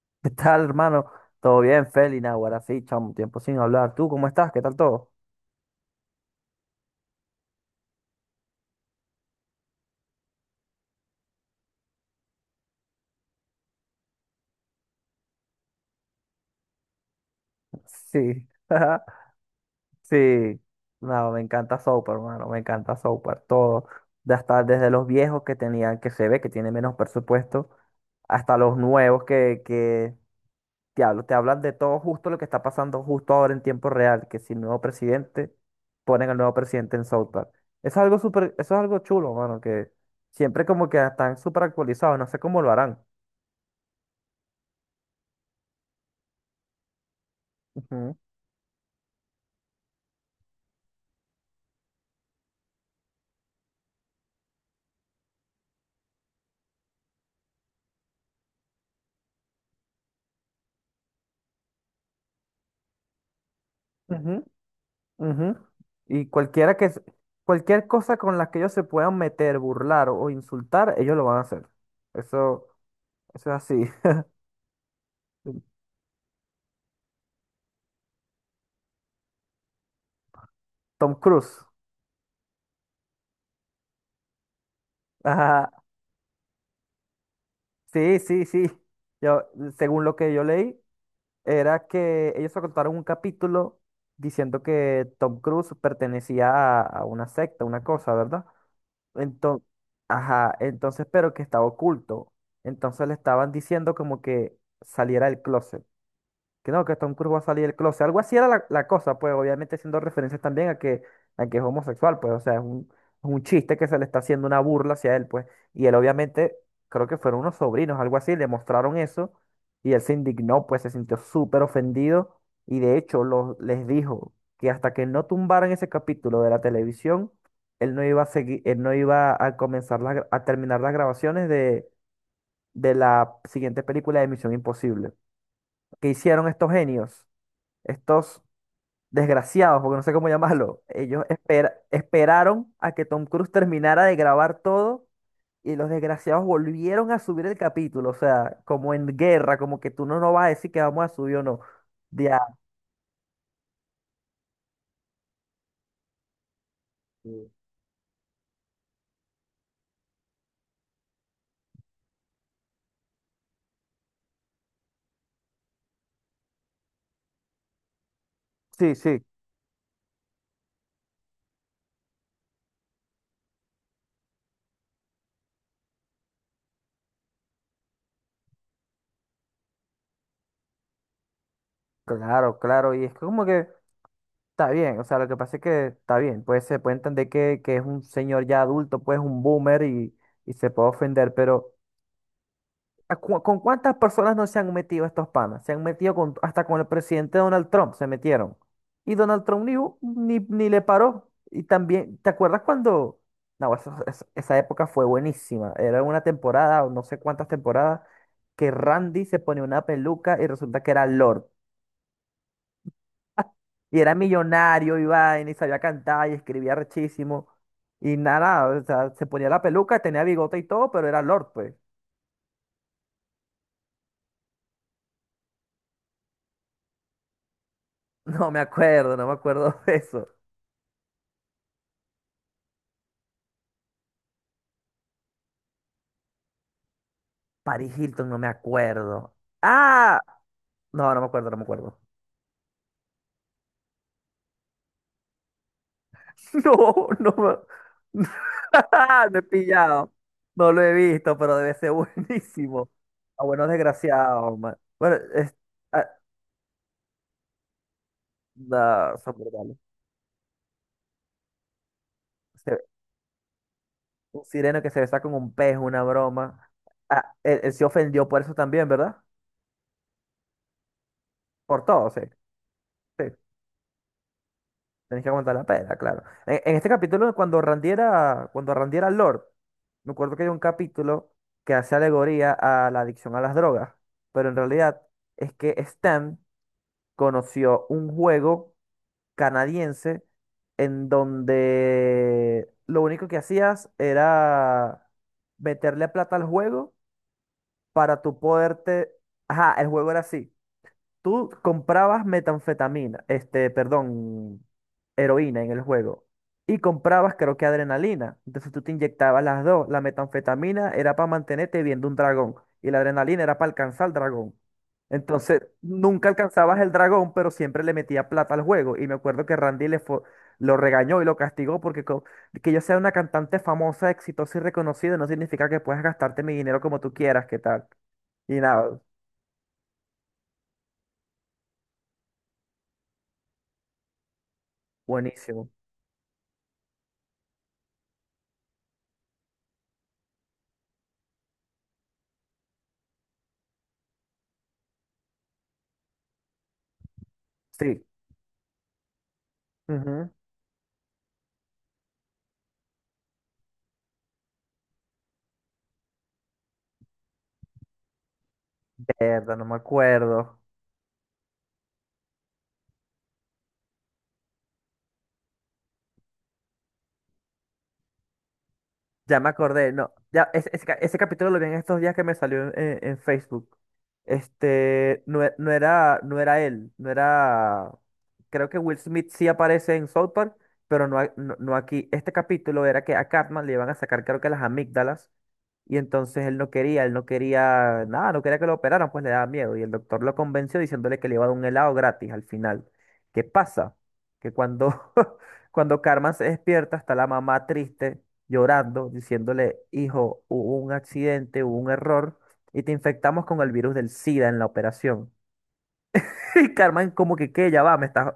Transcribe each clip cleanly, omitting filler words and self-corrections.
¿Qué tal, hermano? ¿Todo bien, Feli? Ahora sí, chamo, tiempo sin hablar. ¿Tú cómo estás? ¿Qué tal todo? Sí, sí. No, me encanta Soap, hermano, me encanta Soap, todo. De hasta desde los viejos que tenían, que se ve que tienen menos presupuesto, hasta los nuevos que te hablan de todo justo lo que está pasando justo ahora en tiempo real, que si el nuevo presidente, ponen al nuevo presidente en South Park. Eso es algo chulo, mano, que siempre como que están súper actualizados, no sé cómo lo harán. Ujú, ujú. Y cualquier cosa con la que ellos se puedan meter, burlar o insultar, ellos lo van a hacer. Eso, eso es así. Tom Cruise. Ajá. Sí, sí, sí. Yo, según lo que yo leí, era que ellos contaron un capítulo diciendo que Tom Cruise pertenecía a una secta, una cosa, ¿verdad? Entonces, ajá, entonces, pero que estaba oculto. Entonces le estaban diciendo como que saliera del closet. Que no, que Tom Cruise va a salir del closet. Algo así era la cosa, pues obviamente haciendo referencias también a que es homosexual, pues o sea, es un chiste que se le está haciendo una burla hacia él, pues. Y él obviamente, creo que fueron unos sobrinos, algo así, le mostraron eso y él se indignó, pues se sintió súper ofendido y de hecho les dijo que hasta que no tumbaran ese capítulo de la televisión, él no iba a seguir, él no iba a comenzar la gra- a terminar las grabaciones de la siguiente película de Misión Imposible. ¿Qué hicieron estos genios? Estos desgraciados, porque no sé cómo llamarlo, esperaron a que Tom Cruise terminara de grabar todo y los desgraciados volvieron a subir el capítulo, o sea, como en guerra, como que tú no nos vas a decir que vamos a subir o no. Ya, sí, sí, claro, claro, y es como que está bien, o sea, lo que pasa es que está bien, pues se puede entender que es un señor ya adulto, pues un boomer y se puede ofender, pero... ¿Con cuántas personas no se han metido estos panas? Se han metido hasta con el presidente Donald Trump, se metieron. Y Donald Trump ni, hu- ni, ni le paró. Y también, ¿te acuerdas cuando? No, esa época fue buenísima. Era una temporada, o no sé cuántas temporadas, que Randy se ponía una peluca y resulta que era Lord. Y era millonario, y vaina, y sabía cantar, y escribía rechísimo. Y nada, o sea, se ponía la peluca, tenía bigote y todo, pero era Lord, pues. No me acuerdo, no me acuerdo de eso. Paris Hilton, no me acuerdo. Ah, no, no me acuerdo, no me acuerdo. No, no me me he pillado. No lo he visto, pero debe ser buenísimo. Ah, bueno, desgraciado, man. Bueno, ah, no, son brutales. Se- Un sireno que se besa con un pez, una broma. Ah, él se ofendió por eso también, ¿verdad? Por todo, sí. Sí. Tenés que aguantar la pela, claro. En este capítulo, cuando Randy era Lord, me acuerdo que hay un capítulo que hace alegoría a la adicción a las drogas, pero en realidad es que Stan conoció un juego canadiense en donde lo único que hacías era meterle plata al juego para tú poderte. Ajá, el juego era así. Tú comprabas metanfetamina, este, perdón, heroína en el juego. Y comprabas, creo que adrenalina. Entonces tú te inyectabas las dos. La metanfetamina era para mantenerte viendo un dragón. Y la adrenalina era para alcanzar el dragón. Entonces nunca alcanzabas el dragón, pero siempre le metía plata al juego. Y me acuerdo que Randy lo regañó y lo castigó porque que yo sea una cantante famosa, exitosa y reconocida no significa que puedas gastarte mi dinero como tú quieras, ¿qué tal? Y nada, buenísimo. Sí. Ujú. Mierda, no me acuerdo. Ya me acordé, no. Ya, ese capítulo lo vi en estos días que me salió en Facebook. Este, no, no era, no era él, no era. Creo que Will Smith sí aparece en South Park, pero no, no, no aquí. Este capítulo era que a Cartman le iban a sacar, creo que las amígdalas. Y entonces él no quería nada, no quería que lo operaran, pues le daba miedo. Y el doctor lo convenció diciéndole que le iba a dar un helado gratis al final. ¿Qué pasa? Que cuando, cuando Carmen se despierta, está la mamá triste, llorando, diciéndole, hijo, hubo un accidente, hubo un error, y te infectamos con el virus del SIDA en la operación. Y Carmen, como que, ¿qué? Ya va, me estás,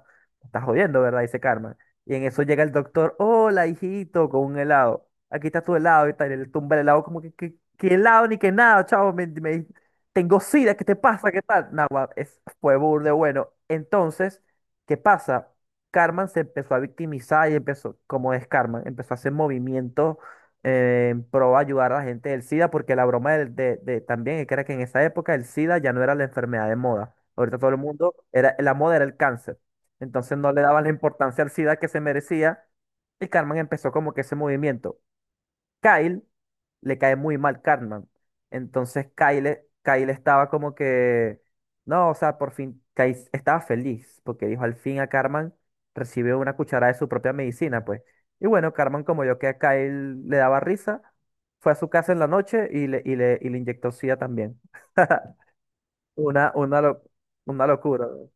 me estás jodiendo, ¿verdad? Dice Carmen. Y en eso llega el doctor, hola, hijito, con un helado. Aquí está tu helado y tal. Y le tumba el helado, como que, ¿qué helado ni qué nada, chavo? Tengo sida, ¿qué te pasa? ¿Qué tal? Nada, guau, fue burde bueno. Entonces, ¿qué pasa? Carmen se empezó a victimizar y empezó, como es Carmen, empezó a hacer movimientos en pro a ayudar a la gente del SIDA, porque la broma también es que era que en esa época el SIDA ya no era la enfermedad de moda. Ahorita todo el mundo, la moda era el cáncer. Entonces no le daban la importancia al SIDA que se merecía y Carmen empezó como que ese movimiento. Kyle le cae muy mal Cartman. Entonces Kyle estaba como que, no, o sea, por fin, Kyle estaba feliz porque dijo, al fin a Cartman recibió una cucharada de su propia medicina, pues. Y bueno, Cartman, como yo que a Kyle le daba risa, fue a su casa en la noche y le inyectó SIDA también. Una, una, lo- una locura, ¿no?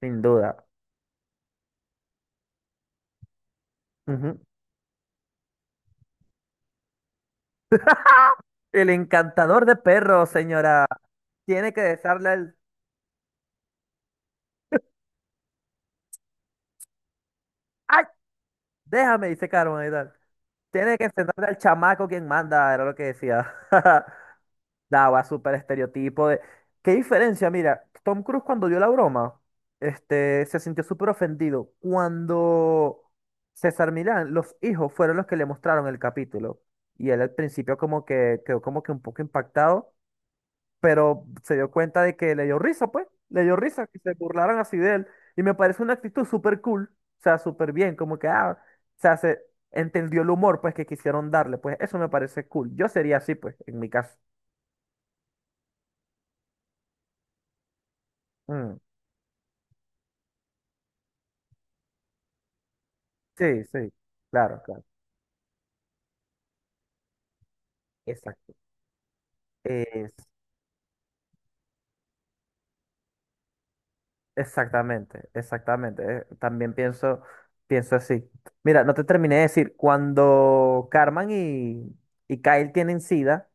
Sin duda. Ujú. El encantador de perros, señora, tiene que dejarle el. ¡Ay! Déjame, dice Carmen y tal. Tiene que enfrentarte al chamaco quien manda, era lo que decía. Daba súper estereotipo de. ¿Qué diferencia? Mira, Tom Cruise cuando dio la broma, se sintió súper ofendido. Cuando César Milán, los hijos fueron los que le mostraron el capítulo. Y él al principio como que quedó como que un poco impactado pero se dio cuenta de que le dio risa, pues, le dio risa que se burlaran así de él. Y me parece una actitud súper cool, o sea, súper bien, como que, ah, o sea, se entendió el humor, pues, que quisieron darle, pues, eso me parece cool. Yo sería así, pues, en mi caso. Mm, sí, sí, claro, claro, exacto. Exactamente, exactamente. También pienso así. Mira, no te terminé de decir, cuando Carmen y Kyle tienen SIDA,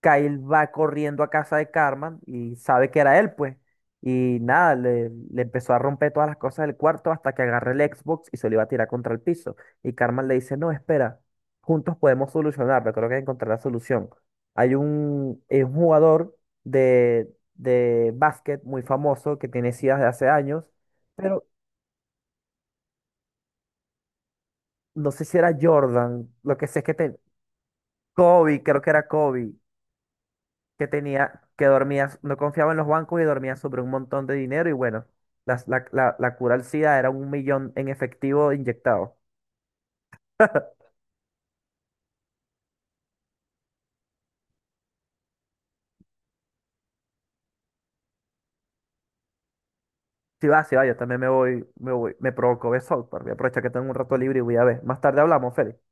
Kyle va corriendo a casa de Carmen y sabe que era él, pues. Y nada, le empezó a romper todas las cosas del cuarto hasta que agarra el Xbox y se lo iba a tirar contra el piso. Y Carmen le dice, no, espera, juntos podemos solucionarlo, creo que encontrar la solución. Es un jugador de básquet muy famoso que tiene SIDA de hace años, pero no sé si era Jordan, lo que sé es que Kobe, creo que era Kobe, que tenía, que dormía, no confiaba en los bancos y dormía sobre un montón de dinero y bueno, la cura al SIDA era un millón en efectivo inyectado. Si va, si va, yo también me voy, me voy, me provocó ver South Park. Voy a aprovechar que tengo un rato libre y voy a ver. Más tarde hablamos, Félix.